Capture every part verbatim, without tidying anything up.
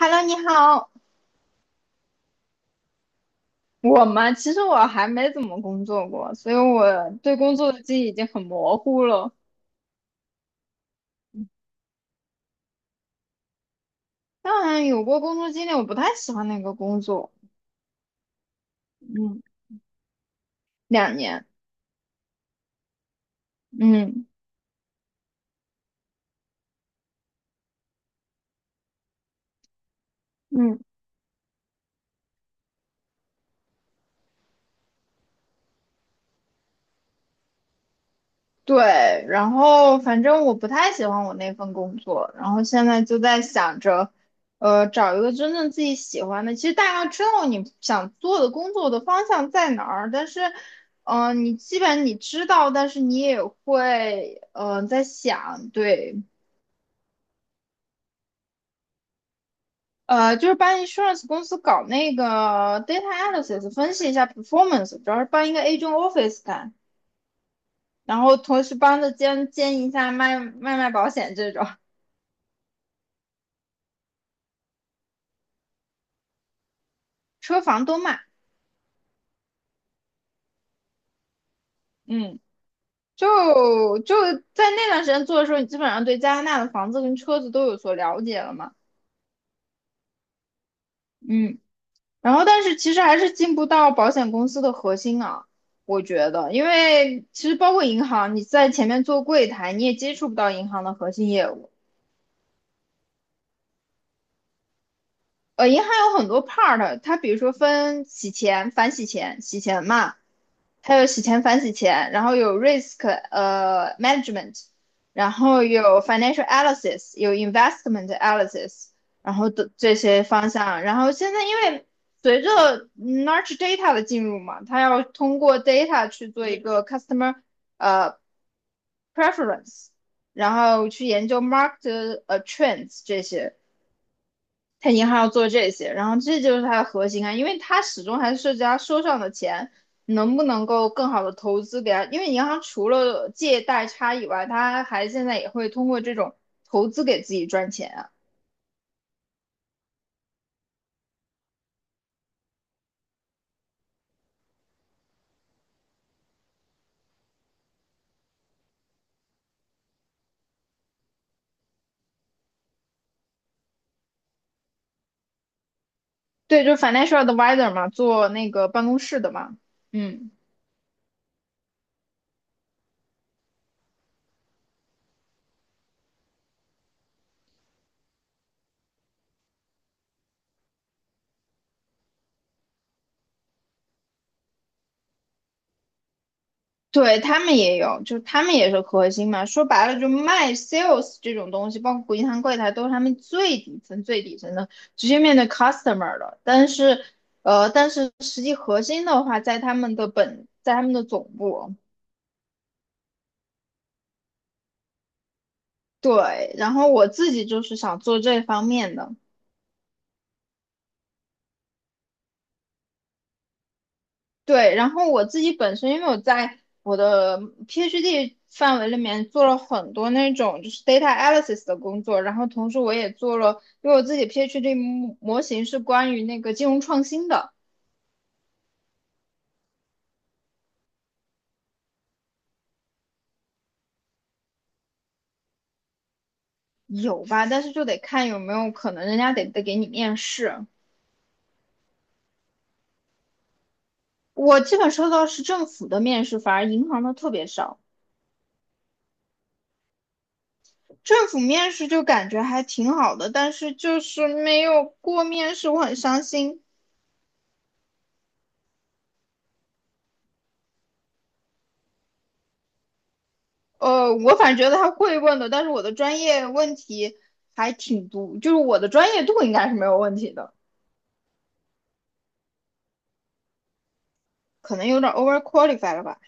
Hello，你好。我嘛，其实我还没怎么工作过，所以我对工作的记忆已经很模糊了。当然有过工作经历，我不太喜欢那个工作。嗯，两年。嗯嗯对，然后反正我不太喜欢我那份工作，然后现在就在想着，呃，找一个真正自己喜欢的。其实大概知道你想做的工作的方向在哪儿，但是，嗯、你基本你知道，但是你也会，嗯、在想，对。呃，就是帮 insurance 公司搞那个 data analysis，分析一下 performance，主要是帮一个 agent office 干，然后同时帮着兼兼一下卖卖卖保险这种，车房都卖。嗯，就就在那段时间做的时候，你基本上对加拿大的房子跟车子都有所了解了嘛。嗯，然后但是其实还是进不到保险公司的核心啊，我觉得，因为其实包括银行，你在前面做柜台，你也接触不到银行的核心业务。呃，银行有很多 part，它比如说分洗钱、反洗钱、洗钱嘛，还有洗钱、反洗钱，然后有 risk 呃 management，然后有 financial analysis，有 investment analysis，然后的这些方向。然后现在因为随着 large data 的进入嘛，它要通过 data 去做一个 customer 呃 preference，然后去研究 market 呃 trends 这些。他银行要做这些，然后这就是它的核心啊，因为它始终还是涉及他收上的钱能不能够更好的投资给他，因为银行除了借贷差以外，它还现在也会通过这种投资给自己赚钱啊。对，就是 financial advisor 嘛，做那个办公室的嘛。嗯，对，他们也有，就他们也是核心嘛。说白了，就卖 sales 这种东西，包括银行柜台，都是他们最底层、最底层的，直接面对 customer 的。但是，呃，但是实际核心的话，在他们的本，在他们的总部。对，然后我自己就是想做这方面的。对，然后我自己本身，因为我在我的 PhD 范围里面做了很多那种就是 data analysis 的工作，然后同时我也做了，因为我自己 PhD 模模型是关于那个金融创新的。有吧？但是就得看有没有可能人家得得给你面试。我基本收到是政府的面试，反而银行的特别少。政府面试就感觉还挺好的，但是就是没有过面试，我很伤心。呃，我反正觉得他会问的，但是我的专业问题还挺多，就是我的专业度应该是没有问题的。可能有点 over qualified 了吧？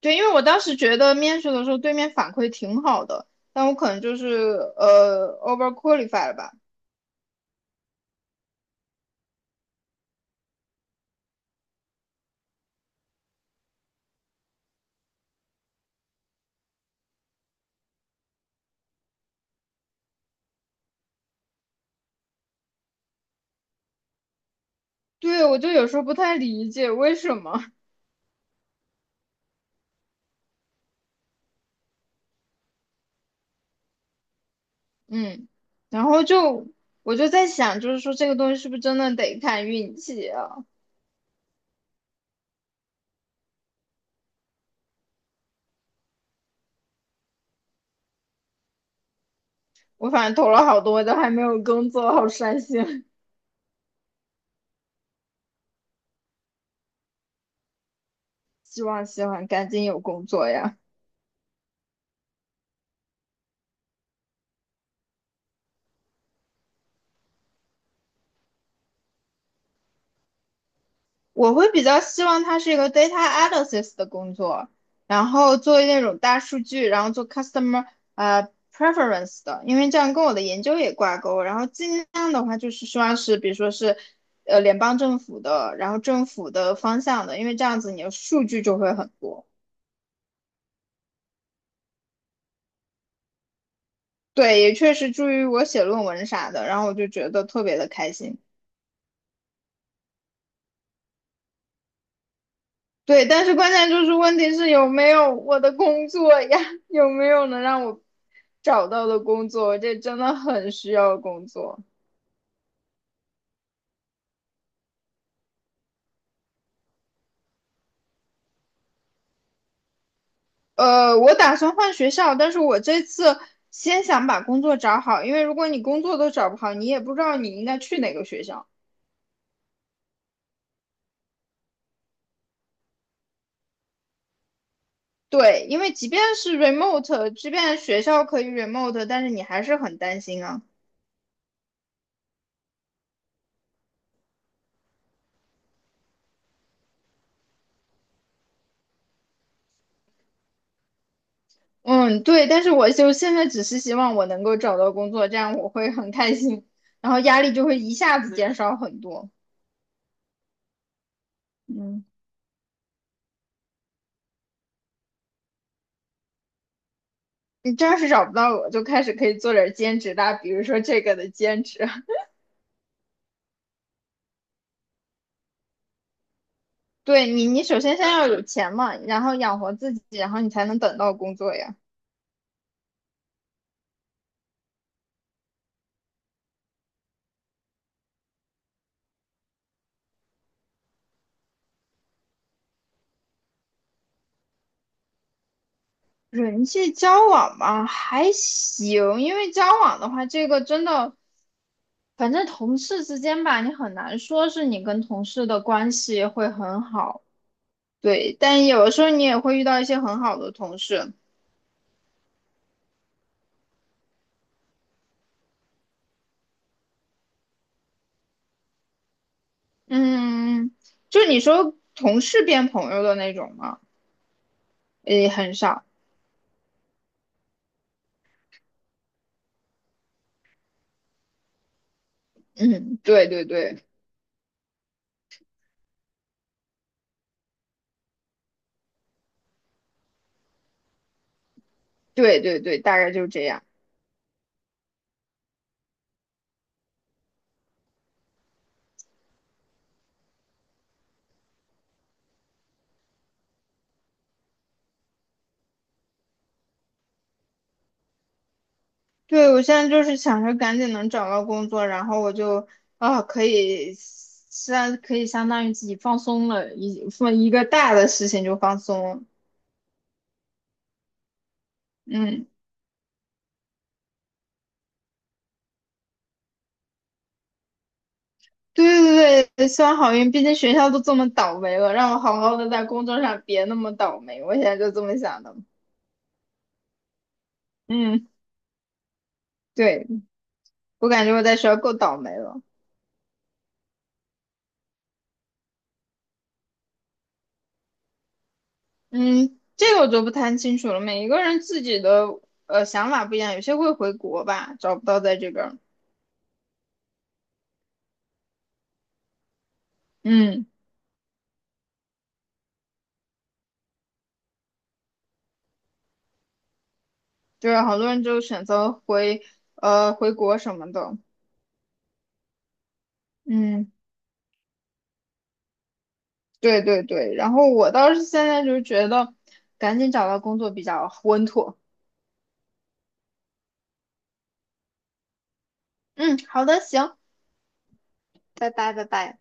对，因为我当时觉得面试的时候对面反馈挺好的，但我可能就是呃 over qualified 了吧？对，我就有时候不太理解为什么。嗯，然后就我就在想，就是说这个东西是不是真的得看运气啊？我反正投了好多，都还没有工作，好伤心。希望希望赶紧有工作呀。我会比较希望它是一个 data analysis 的工作，然后做那种大数据，然后做 customer 呃 preference 的，因为这样跟我的研究也挂钩。然后尽量的话就是希望是，比如说是呃联邦政府的，然后政府的方向的，因为这样子你的数据就会很多。对，也确实助于我写论文啥的，然后我就觉得特别的开心。对，但是关键就是问题是有没有我的工作呀？有没有能让我找到的工作？这真的很需要工作。呃，我打算换学校，但是我这次先想把工作找好，因为如果你工作都找不好，你也不知道你应该去哪个学校。对，因为即便是 remote，即便学校可以 remote，但是你还是很担心啊。嗯，对，但是我就现在只是希望我能够找到工作，这样我会很开心，然后压力就会一下子减少很多。嗯，你这要是找不到我，就开始可以做点儿兼职啦，比如说这个的兼职。对你，你首先先要有钱嘛，然后养活自己，然后你才能等到工作呀。人际交往嘛，还行，因为交往的话，这个真的，反正同事之间吧，你很难说是你跟同事的关系会很好。对，但有的时候你也会遇到一些很好的同事。嗯，就你说同事变朋友的那种吗？也很少。嗯，对对对对对对，大概就是这样。对，我现在就是想着赶紧能找到工作，然后我就啊可以相可以相当于自己放松了，一放一个大的事情就放松了。嗯，对对对，希望好运，毕竟学校都这么倒霉了，让我好好的在工作上别那么倒霉，我现在就这么想的。嗯，对，我感觉我在学校够倒霉了。嗯，这个我就不太清楚了。每一个人自己的呃想法不一样，有些会回国吧，找不到在这边儿。嗯，对，好多人就选择回呃回国什么的。嗯，对对对。然后我倒是现在就觉得，赶紧找到工作比较稳妥。嗯，好的，行，拜拜拜拜。